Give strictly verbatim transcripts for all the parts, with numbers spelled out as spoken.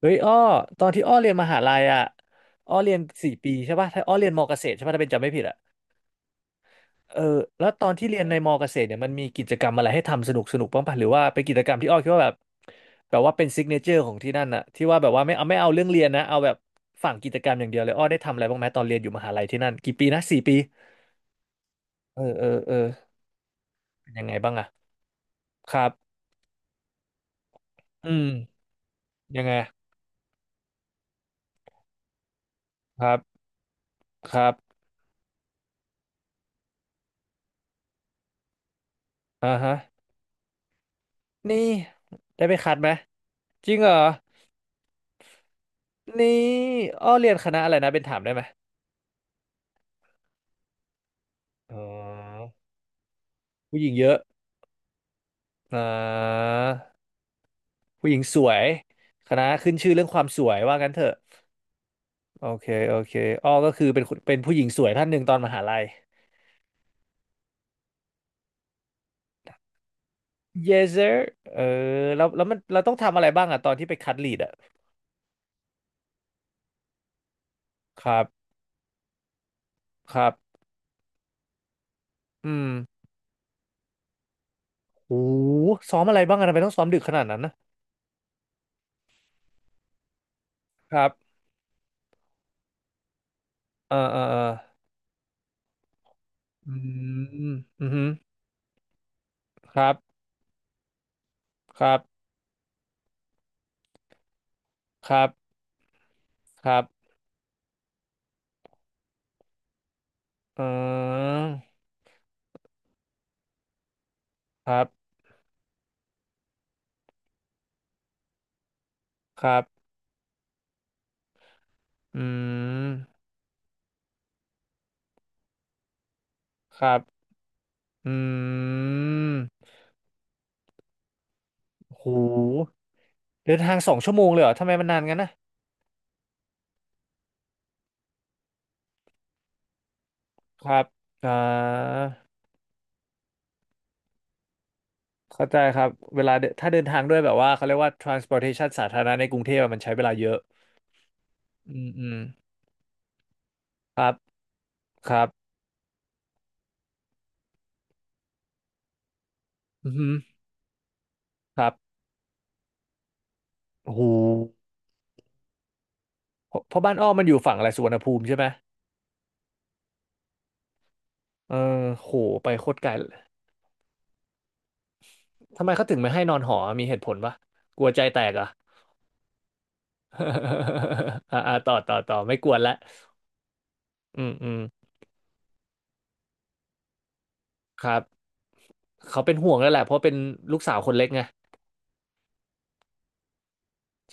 เฮ้ยอ้อตอนที่อ้อเรียนมหาลัยอ่ะอ้อเรียนสี่ปีใช่ป่ะถ้าอ้อเรียนมอเกษตรใช่ป่ะถ้าเป็นจำไม่ผิดอ่ะเออแล้วตอนที่เรียนในมอเกษตรเนี่ยมันมีกิจกรรมอะไรให้ทำสนุกสนุกบ้างป่ะหรือว่าเป็นกิจกรรมที่อ้อคิดว่าแบบแบบว่าเป็นซิกเนเจอร์ของที่นั่นน่ะที่ว่าแบบว่าไม่เอาไม่เอาเรื่องเรียนนะเอาแบบฝั่งกิจกรรมอย่างเดียวเลยอ้อได้ทำอะไรบ้างไหมตอนเรียนอยู่มหาลัยที่นั่นกี่ปีนะสี่ปีเออเออเออเป็นยังไงบ้างอ่ะครับอืมยังไงครับครับอ่าฮะนี่ได้ไปคัดไหมจริงเหรอ นี่อ้อเรียนคณะอะไรนะเป็นถามได้ไหมอ๋อผู้หญิงเยอะอ่าผู้หญิงสวยคณะขึ้นชื่อเรื่องความสวยว่างั้นเถอะโอเคโอเคอ้อก็คือเป็นคนเป็นผู้หญิงสวยท่านหนึ่งตอนมหาลัย Yes sir เออแล้วแล้วมันเราต้องทำอะไรบ้างอะตอนที่ไปคัดลีดอะครับครับอืมโอ้ซ้อมอะไรบ้างอะทำไมต้องซ้อมดึกขนาดนั้นนะครับเออเออเอออืมอืมครับครับครับครับเออ ครับครับอืมครับอืมโหเดินทางสองชั่วโมงเลยเหรอทำไมมันนานงั้นนะครับอ่าเข้าใจครับเวลาเดินถ้าเดินทางด้วยแบบว่าเขาเรียกว่า transportation สาธารณะในกรุงเทพอะมันใช้เวลาเยอะอืมอืมครับครับอือหือครับโหเพราะเพราะบ้านอ้อมันอยู่ฝั่งอะไรสุวรรณภูมิใช่ไหมเออโหไปโคตรไกลทำไมเขาถึงไม่ให้นอนหอมีเหตุผลปะกลัวใจแตกเหรอ่ะ อ่าอ่าต่อต่อต่อไม่กวนละ อืมอืมครับเขาเป็นห่วงแล้วแหละเพราะเป็นลูกสาวคนเล็กไง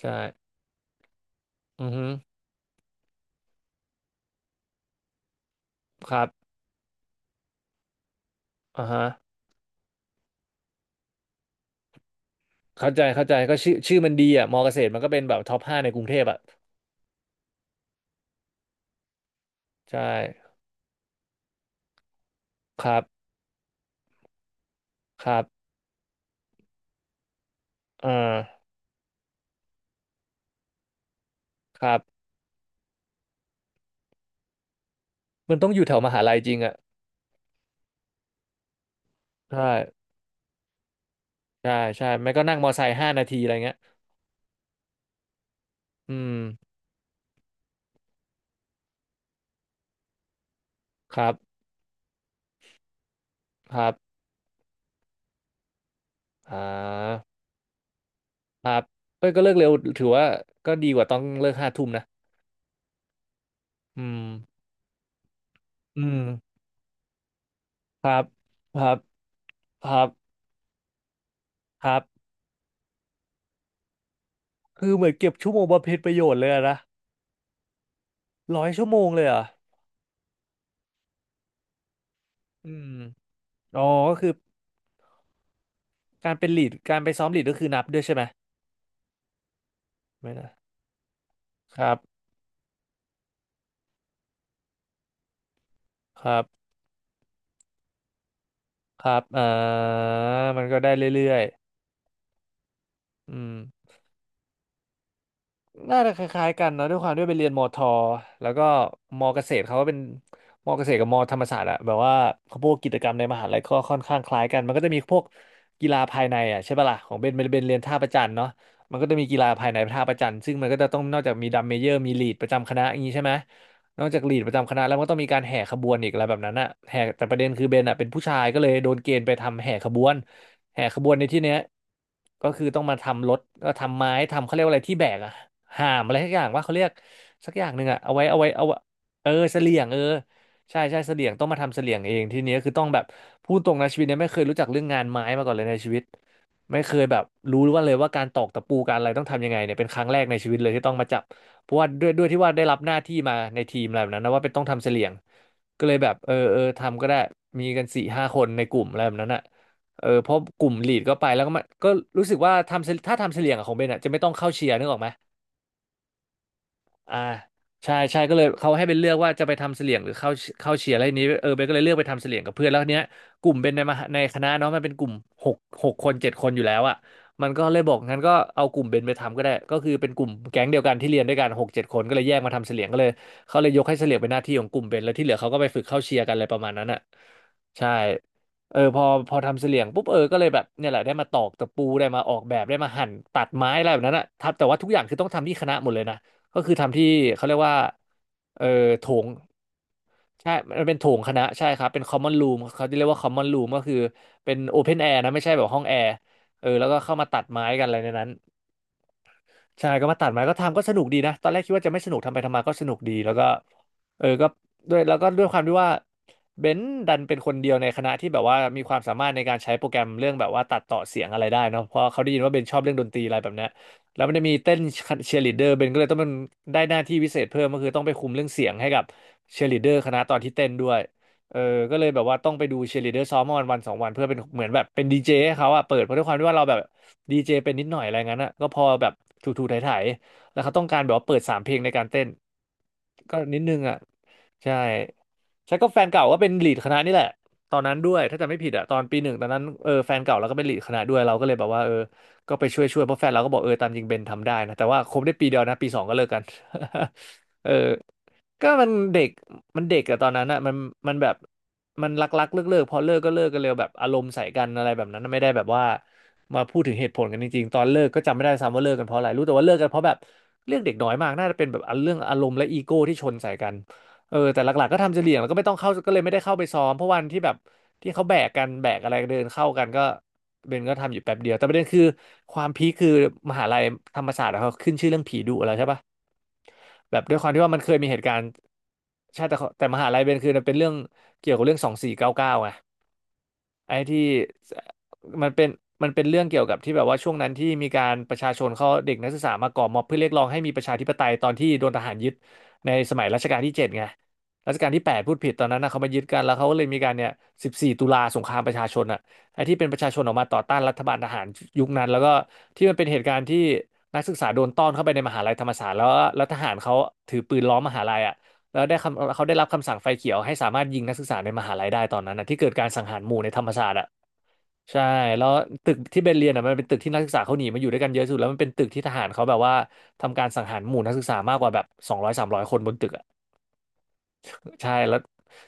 ใช่อือฮึครับอ่าฮะเข้าใจเข้าใจก็ชื่อชื่อมันดีอ่ะมอเกษตรมันก็เป็นแบบท็อปห้าในกรุงเทพอ่ะใช่ครับครับอ่าครับมันต้องอยู่แถวมหาลัยจริงอ่ะใช่ใช่ใช่ไม่ก็นั่งมอไซค์ห้านาทีอะไรเงี้ยอืมครับครับอ่าครับเอ้ยก็เลิกเร็วถือว่าก็ดีกว่าต้องเลิกห้าทุ่มนะอืมอืมครับครับครับครับ คือเหมือนเก็บชั่วโมงบำเพ็ญประโยชน์เลยอะนะร้อยชั่วโมงเลยเหรอะอืมอ๋อก็คือการเป็นลีดการไปซ้อมลีดก็คือนับด้วยใช่ไหมไม่นะครับครับครับอ่ามันก็ได้เรื่อยๆอืม น่าจะคล้ายๆกันเนอะด้วยความด้วยไปเรียนมอทอแล้วก็มอเกษตรเขาก็เป็นมอเกษตรกับมอธรรมศาสตร์อะแบบว่าเขาพวกกิจกรรมในมหาลัยก็ค่อนข้างคล้ายกันมันก็จะมีพวกกีฬาภายในอะใช่ปะล่ะของเบนเบนเบนเรียนท่าประจันเนาะมันก็จะมีกีฬาภายในท่าประจันซึ่งมันก็จะต้องนอกจากมีดัมเมเยอร์มีลีดประจำคณะอย่างนี้ใช่ไหม นอกจากลีดประจำคณะแล้วมันก็ต้องมีการแห่ขบวนอีกอะไรแบบนั้นอะแห่แต่ประเด็นคือเบนอะเป็นผู้ชายก็เลยโดนเกณฑ์ไปทำแห่ขบวนแห่ขบวนในที่เนี้ยก็คือต้องมาทำรถก็ทำไม้ทำเขาเรียกว่าอะไรที่แบกอะหามอะไรสักอย่างว่าเขาเรียกสักอย่างหนึ่งอะเอาไว้เอาไว้เอาไว้เออเสลี่ยงเออใช่ใช่เสลี่ยงต้องมาทำเสลี่ยงเองทีนี้คือต้องแบบพูดตรงนะชีวิตเนี้ยไม่เคยรู้จักเรื่องงานไม้มาก่อนเลยในชีวิตไม่เคยแบบรู้ว่าเลยว่าการตอกตะปูการอะไรต้องทำยังไงเนี่ยเป็นครั้งแรกในชีวิตเลยที่ต้องมาจับ เพราะว่าด้วยด้วยที่ว่าได้รับหน้าที่มาในทีมอะไรแบบนั้นนะว่าเป็นต้องทำเสลี่ยงก็เลยแบบเออเออทำก็ได้มีกันสี่ห้าคนในกลุ่มอะไรแบบนั้นอ่ะเออเพราะกลุ่มลีดก็ไปแล้วก็มาก็รู้สึกว่าทำเสถ้าทำเสลี่ยงอะของเบนอ่ะจะไม่ต้องเข้าเชียร์นึกออกไหม อ่าใช่ใช่ก็เลยเขาให้เป็นเลือกว่าจะไปทำเสลี่ยงหรือเข้าเข้าเชียร์อะไรนี้เออเบนก็เลยเลือกไปทำเสลี่ยงกับเพื่อนแล้วเนี้ยกลุ่มเป็นในมหาในคณะเนาะมันเป็นกลุ่มหกหกคนเจ็ดคนอยู่แล้วอ่ะมันก็เลยบอกงั้นก็เอากลุ่มเบนไปทำก็ได้ก็คือเป็นกลุ่มแก๊งเดียวกันที่เรียนด้วยกันหกเจ็ดคนก็เลยแยกมาทำเสลี่ยงก็เลยเขาเลยยกให้เสลี่ยงเป็นหน้าที่ของกลุ่มเบนแล้วที่เหลือเขาก็ไปฝึกเข้าเชียร์กันอะไรประมาณนั้นอ่ะใช่เออพอพอทำเสลี่ยงปุ๊บเออก็เลยแบบเนี่ยแหละได้มาตอกตะปูได้มาออกแบบได้มาหั่นตัดไม้อะไรแบบนั้นอะทับแต่ว่าทุกอย่างคือต้องทำที่คณะหมดเลยนะ ก็คือทำที่เขาเรียกว่าเออโถงใช่มันเป็นโถงคณะใช่ครับเป็น common room เขาจะเรียกว่า common room ก็คือเป็น open air นะไม่ใช่แบบห้องแอร์เออแล้วก็เข้ามาตัดไม้กันอะไรในนั้น ใช่ก็มาตัดไม้ก็ทำก็สนุกดีนะ ตอนแรกคิดว่าจะไม่สนุกทำไปทำมาก็สนุกดี แล้วก็เออก็ด้วยแล้วก็ด้วยความที่ว่าเบนซ์ดันเป็นคนเดียวในคณะที่แบบว่ามีความสามารถในการใช้โปรแกรมเรื่องแบบว่าตัดต่อเสียงอะไรได้เนาะเพราะเขาได้ยินว่าเบนซ์ชอบเรื่องดนตรีอะไรแบบเนี้ยแล้วมันจะมีเต้นเชียร์ลีดเดอร์เบนซ์ก็เลยต้องเป็นได้หน้าที่พิเศษเพิ่มก็คือต้องไปคุมเรื่องเสียงให้กับเชียร์ลีดเดอร์คณะตอนที่เต้นด้วยเออก็เลยแบบว่าต้องไปดูเชียร์ลีดเดอร์ซ้อมมาวันวันสองวันเพื่อเป็นเหมือนแบบเป็นดีเจให้เขาอะเปิดเพราะด้วยความที่ว่าเราแบบ ดีเจเป็นนิดหน่อยอะไรงั้นอ่ะก็พอแบบถูๆไถายๆแล้วเขาต้องการแบบว่าเปิดสามเพลงในการเต้นก็นิดนึงอ่ะใช่ใช่ก็แฟนเก่าก็เป็นลีดคณะนี่แหละตอนนั้นด้วยถ้าจำไม่ผิดอ่ะตอนปีหนึ่งตอนนั้นเออแฟนเก่าเราก็เป็นลีดคณะด้วยเราก็เลยแบบว่าเออก็ไปช่วยช่วยเพราะแฟนเราก็บอกเออตามจริงเบนทำได้นะแต่ว่าคบได้ปีเดียวนะปีสองก็เลิกกัน เออ ก็มันเด็กมันเด็กอะตอนนั้นอะมันมันแบบมันรักรักเลิกเลิกๆพอเลิกก็เลิกกันเร็วแบบอารมณ์ใส่กันอะไรแบบนั้นไม่ได้แบบว่ามาพูดถึงเหตุผลกันจริงๆตอนเลิกก็จำไม่ได้ซ้ำว่าเลิกกันเพราะอะไรรู้แต่ว่าเลิกกันเพราะแบบเรื่องเด็กน้อยมากน่าจะเป็นแบบเรื่องอารมณ์และอีโก้ที่ชนใส่กันเออแต่หลักๆก็ทำเฉลี่ยงแล้วก็ไม่ต้องเข้าก็เลยไม่ได้เข้าไปซ้อมเพราะวันที่แบบที่เขาแบกกันแบกอะไรเดินเข้ากันก็เบนก็ทำอยู่แป๊บเดียวแต่ประเด็นคือความพีคคือมหาลัยธรรมศาสตร์อะเขาขึ้นชื่อเรื่องผีดุอะไรใช่ปะ แบบด้วยความที่ว่ามันเคยมีเหตุการณ์ใช่แต่ขาแต่มหาลัยเบนคือมันเป็นเรื่องเกี่ยวกับเรื่องสองสี่เก้าเก้าไงไอ้ที่มันเป็นมันเป็นเรื่องเกี่ยวกับที่แบบว่าช่วงนั้นที่มีการประชาชนเขาเด็กนักศึกษามาก่อม็อบเพื่อเรียกร้องให้มีประชาธิปไตยตอนที่โดนทหารยึดในสมัยรัชกาลที่เจ็ดไงรัชกาลที่แปดพูดผิดตอนนั้นนะเขามายึดกันแล้วเขาก็เลยมีการเนี่ยสิบสี่ตุลาสงครามประชาชนอ่ะ ไอ้ที่เป็นประชาชนออกมาต่อต้านรัฐบาลทหารยุคนั้นแล้วก็ที่มันเป็นเหตุการณ์ที่นักศึกษาโดนต้อนเข้าไปในมหาลัยธรรมศาสตร์แล้วแล้วทหารเขาถือปืนล้อมมหาลัยอ่ะแล้วได้คำเขาได้รับคำสั่งไฟเขียวให้สามารถยิงนักศึกษาในมหาลัยได้ตอนนั้นนะที่เกิดการสังหารหมู่ในธรรมศาสตร์อ่ะใช่แล้วตึกที่เบนเรียนอ่ะมันเป็นตึกที่นักศึกษาเขาหนีมาอยู่ด้วยกันเยอะสุดแล้วมันเป็นตึกที่ทหารเขาแบบว่าทำการสังหารหมู่นักศึกษามากกว่าแบบสองร้อยสามร้อยคนบนตึกอ่ะใช่แล้ว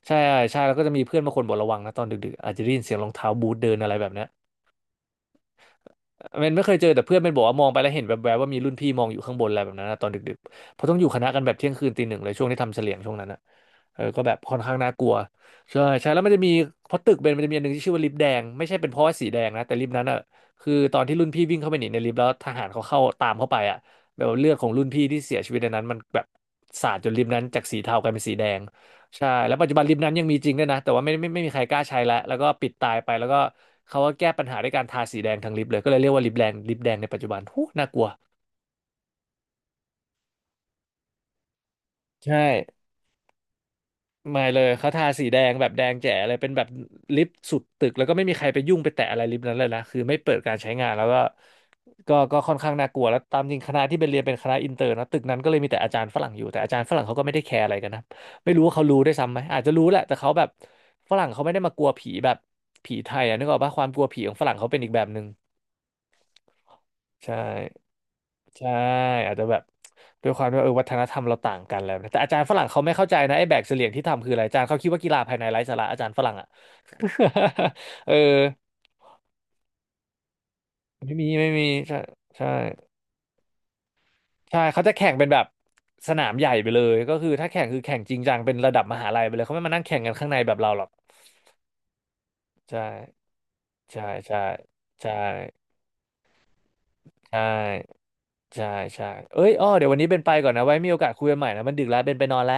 ใช่ใช่แล้วก็จะมีเพื่อนบางคนบอกระวังนะตอนดึกๆอาจจะได้ยินเสียงรองเท้าบูทเดินอะไรแบบเนี้ย เมนไม่เคยเจอแต่เพื่อนเป็นบอกว่ามองไปแล้วเห็นแวบๆว่ามีรุ่นพี่มองอยู่ข้างบนอะไรแบบนั้นนะตอนดึกๆเพราะต้องอยู่คณะกันแบบเที่ยงคืนตีหนึ่งเลยช่วงที่ทำเฉลี่ยงช่วงนั้นนะเออก็แบบค่อนข้างน่ากลัวใช่ใช่แล้วมันจะมีเพราะตึกเบนมันจะมีอันหนึ่งที่ชื่อว่าลิฟต์แดงไม่ใช่เป็นเพราะว่าสีแดงนะแต่ลิฟต์นั้นอ่ะคือตอนที่รุ่นพี่วิ่งเข้าไปหนีในลิฟต์แล้วทหารเขาเข้าตามเข้าไปอ่ะแบบว่าเลือดของรุ่นพี่ที่เสียชีวิตในนั้นมันแบบสาดจนลิฟต์นั้นจากสีเทากลายเป็นสีแดง ใช่แล้วปัจจุบันลิฟต์นั้นยังมีจริงด้วยนะแต่ว่าไม่ไม่ไม่มีใครกล้าใช้แล้วแล้วก็ปิดตายไปแล้วก็เขาก็แก้ปัญหาด้วยการทาสีแดงทั้งลิฟต์เลยก็เลยเรียกว่าลิฟต์แดงลิฟต์แดงในปัจจุบันหูน่ากลัวใช่ไม่เลยเขาทาสีแดงแบบแดงแจ๋เลยเป็นแบบลิฟต์สุดตึกแล้วก็ไม่มีใครไปยุ่งไปแตะอะไรลิฟต์นั้นเลยนะคือไม่เปิดการใช้งานแล้วก็ ก็ก็ค่อนข้างน่ากลัวแล้วตามจริงคณะที่เป็นเรียนเป็นคณะอินเตอร์นะตึกนั้นก็เลยมีแต่อาจารย์ฝรั่งอยู่แต่อาจารย์ฝรั่งเขาก็ไม่ได้แคร์อะไรกันนะไม่รู้ว่าเขารู้ได้วยซ้ำไหมอาจจะรู้แหละแต่เขาแบบฝรั่งเขาไม่ได้มากลัวผีแบบผีไทยอะนึกออกปะความกลัวผีของฝรั่งเขาเป็นอีกแบบหนึ่งใช่ใช่อาจจะแบบด้วยความที่ว่าเออวัฒนธรรมเราต่างกันแล้วนะแต่อาจารย์ฝรั่งเขาไม่เข้าใจนะไอ้แบกเสลี่ยงที่ทำคืออะไรอาจารย์เขาคิดว่ากีฬาภายในไร้สาระอาจารย์ฝรั่งอ่ะ เออไม่มีไม่มีใช่ใช่ ใช่เขาจะแข่งเป็นแบบสนามใหญ่ไปเลยก็คือถ้าแข่งคือแข่งจริงจังเป็นระดับมหาลัยไปเลยเขาไม่มานั่งแข่งกันข้างในแบบเราหรอกใช่ใช่ใช่ใช่ใช่ใช่ใช่เอ้ยอ้อเดี๋ยววันนี้เป็นไปก่อนนะไว้มีโอกาสคุยกันใหม่นะมันดึกแล้วเป็นไปนอนแล้ว